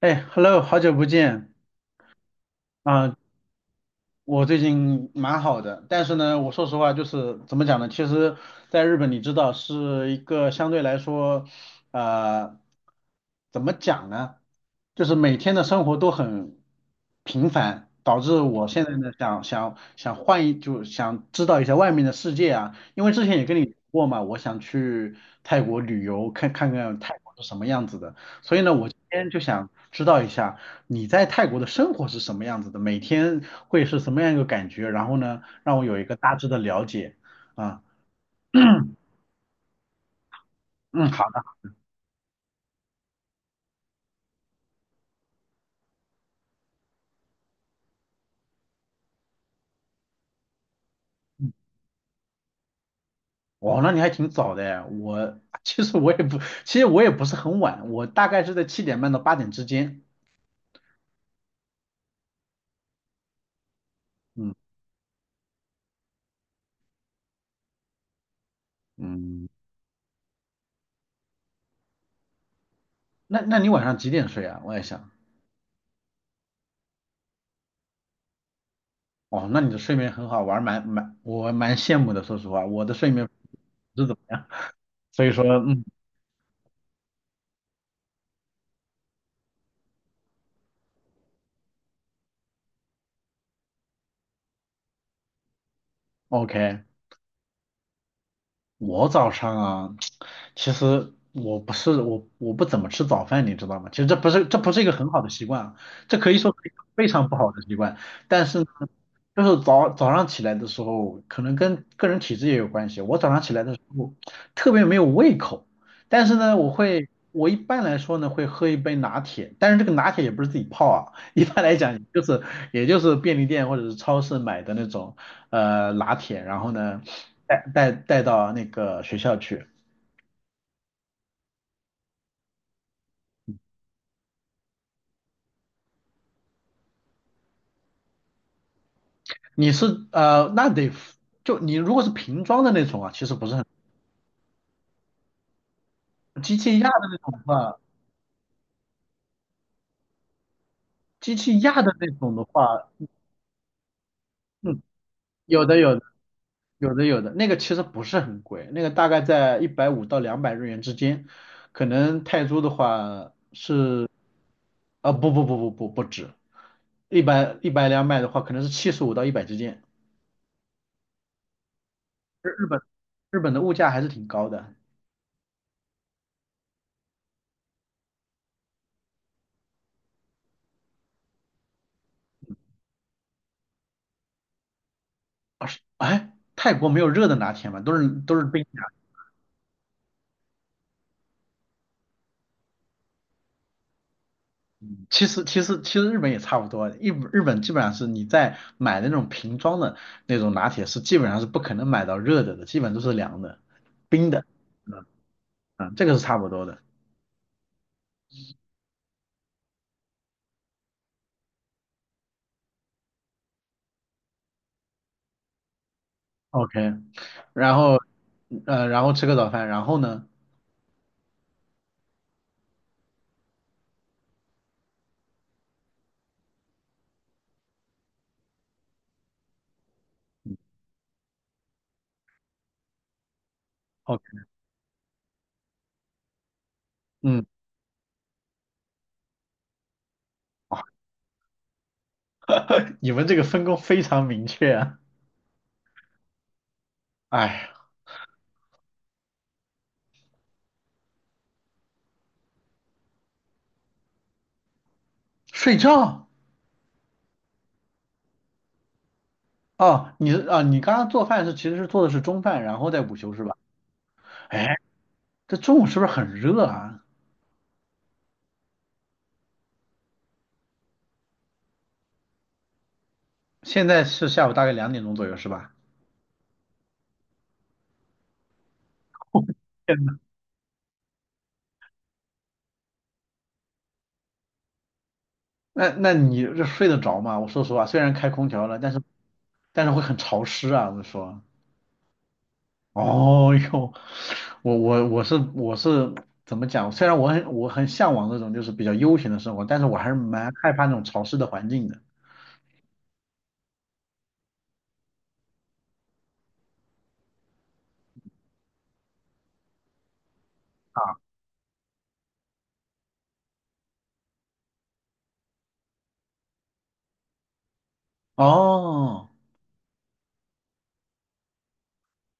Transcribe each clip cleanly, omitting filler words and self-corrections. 哎，Hello，好久不见啊！我最近蛮好的，但是呢，我说实话，就是怎么讲呢？其实，在日本，你知道是一个相对来说，呃，怎么讲呢？就是每天的生活都很平凡，导致我现在呢想想想换一，就想知道一下外面的世界啊。因为之前也跟你说过嘛，我想去泰国旅游，看看泰国是什么样子的，所以呢，我今天就想知道一下。你在泰国的生活是什么样子的？每天会是什么样一个感觉？然后呢，让我有一个大致的了解。啊，嗯，好，哦，那你还挺早的哎。我其实我也不，其实我也不是很晚，我大概是在7:30到8点之间。嗯，嗯，那你晚上几点睡啊？我也想，哦，那你的睡眠很好，玩，还蛮羡慕的。说实话，我的睡眠不是怎么样，所以说，嗯，OK，我早上啊，其实我不怎么吃早饭，你知道吗？其实这不是一个很好的习惯啊，这可以说是一个非常不好的习惯。但是呢，就是早上起来的时候，可能跟个人体质也有关系。我早上起来的时候特别没有胃口，但是呢，我一般来说呢会喝一杯拿铁，但是这个拿铁也不是自己泡啊，一般来讲就是也就是便利店或者是超市买的那种。拿铁，然后呢带到那个学校去。你是呃那得就你如果是瓶装的那种啊，其实不是很机器压的那种的话，机器压的那种的话，嗯，有的有的有的有的，那个其实不是很贵，那个大概在150到200日元之间，可能泰铢的话，啊，不不不不不，不止，一百两百的话，可能是75到一百之间。日日本日本的物价还是挺高的。啊是哎，泰国没有热的拿铁嘛，都是冰的。其实日本也差不多，日本基本上是你在买那种瓶装的那种拿铁是基本上是不可能买到热的，基本都是凉的、冰的。嗯嗯，这个是差不多的。OK，然后然后吃个早饭，然后呢？OK，嗯，哦，你们这个分工非常明确啊。哎，睡觉。哦，你是啊，你刚刚做饭其实做的是中饭，然后再午休是吧？哎，这中午是不是很热啊？现在是下午大概2点钟左右是吧？天呐，那你这睡得着吗？我说实话，虽然开空调了，但是会很潮湿啊。我说，哦哟，我怎么讲？虽然我很向往那种就是比较悠闲的生活，但是我还是蛮害怕那种潮湿的环境的。啊。哦，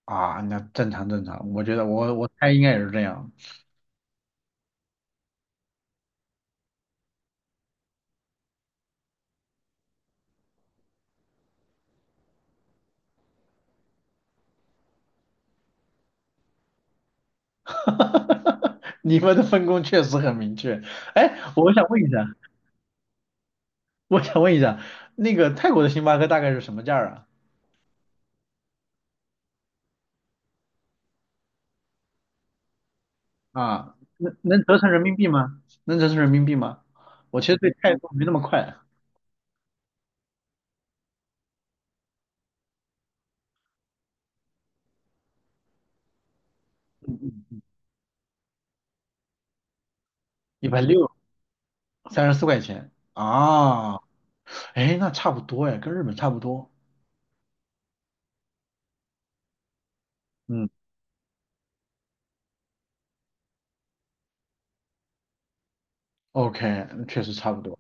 啊，那正常正常，我觉得我猜应该也是这样。你们的分工确实很明确。哎，我想问一下。我想问一下，那个泰国的星巴克大概是什么价儿啊？啊，能折成人民币吗？能折成人民币吗？我其实对泰国没那么快，160，34块钱啊，哎，那差不多哎，跟日本差不多。嗯，OK，确实差不多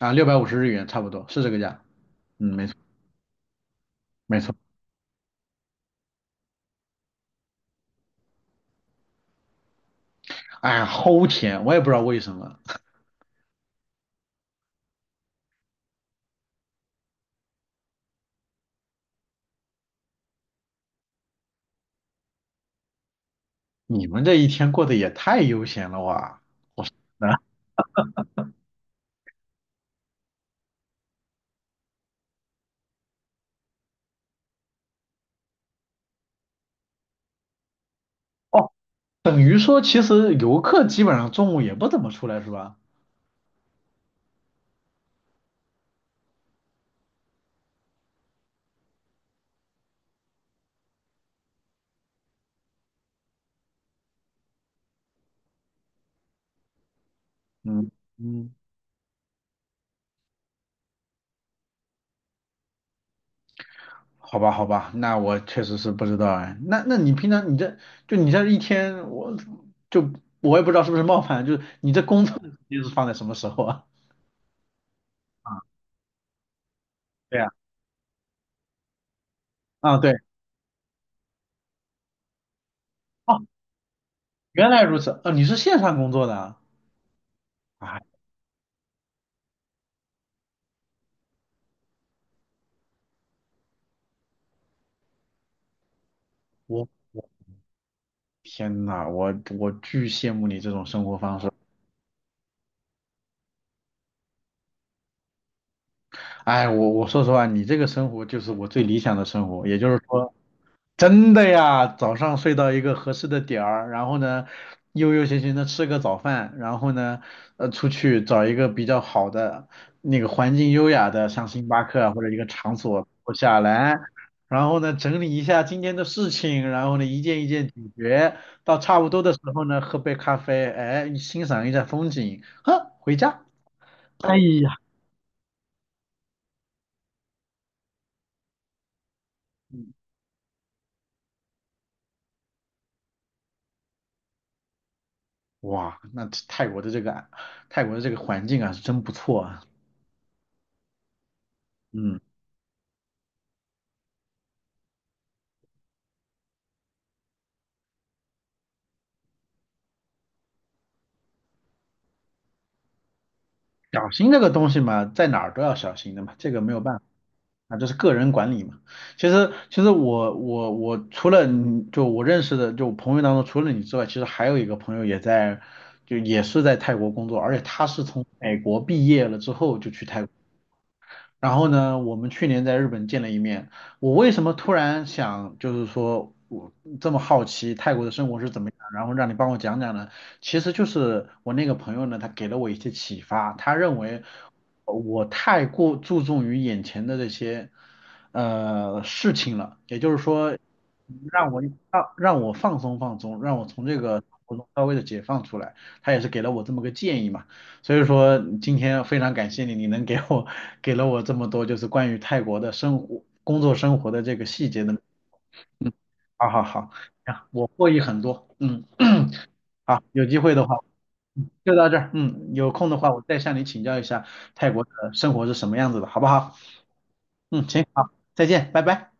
啊，650日元差不多是这个价。嗯，没错没错。哎呀，齁甜，我也不知道为什么。你们这一天过得也太悠闲了哇！啊，哦，等于说其实游客基本上中午也不怎么出来是吧？嗯嗯，好吧好吧，那我确实是不知道哎。那你平常你这一天，就我也不知道是不是冒犯，就是你这工作的时间是放在什么时候啊？对呀，啊对，哦，原来如此，你是线上工作的啊？哎，我天呐，我巨羡慕你这种生活方式。哎，我说实话，你这个生活就是我最理想的生活，也就是说。真的呀，早上睡到一个合适的点儿，然后呢，悠悠闲闲的吃个早饭，然后呢，出去找一个比较好的那个环境优雅的，像星巴克啊或者一个场所坐下来，然后呢，整理一下今天的事情，然后呢，一件一件解决，到差不多的时候呢，喝杯咖啡，哎，欣赏一下风景，呵，回家。哎呀，哇，那泰国的这个环境啊，是真不错啊。嗯。小心这个东西嘛，在哪儿都要小心的嘛，这个没有办法。啊，这是个人管理嘛。其实，我除了你就我认识的就我朋友当中，除了你之外，其实还有一个朋友也在，就也是在泰国工作，而且他是从美国毕业了之后就去泰国。然后呢，我们去年在日本见了一面。我为什么突然想，就是说我这么好奇泰国的生活是怎么样，然后让你帮我讲讲呢？其实就是我那个朋友呢，他给了我一些启发，他认为我太过注重于眼前的这些事情了，也就是说，让我放松放松，让我从这个生活中稍微的解放出来。他也是给了我这么个建议嘛。所以说今天非常感谢你，你能给我给了我这么多就是关于泰国的生活、工作生活的这个细节的。嗯，好好好，啊，我获益很多。嗯，好，有机会的话就到这儿。嗯，有空的话我再向你请教一下泰国的生活是什么样子的，好不好？嗯，行，好，再见，拜拜。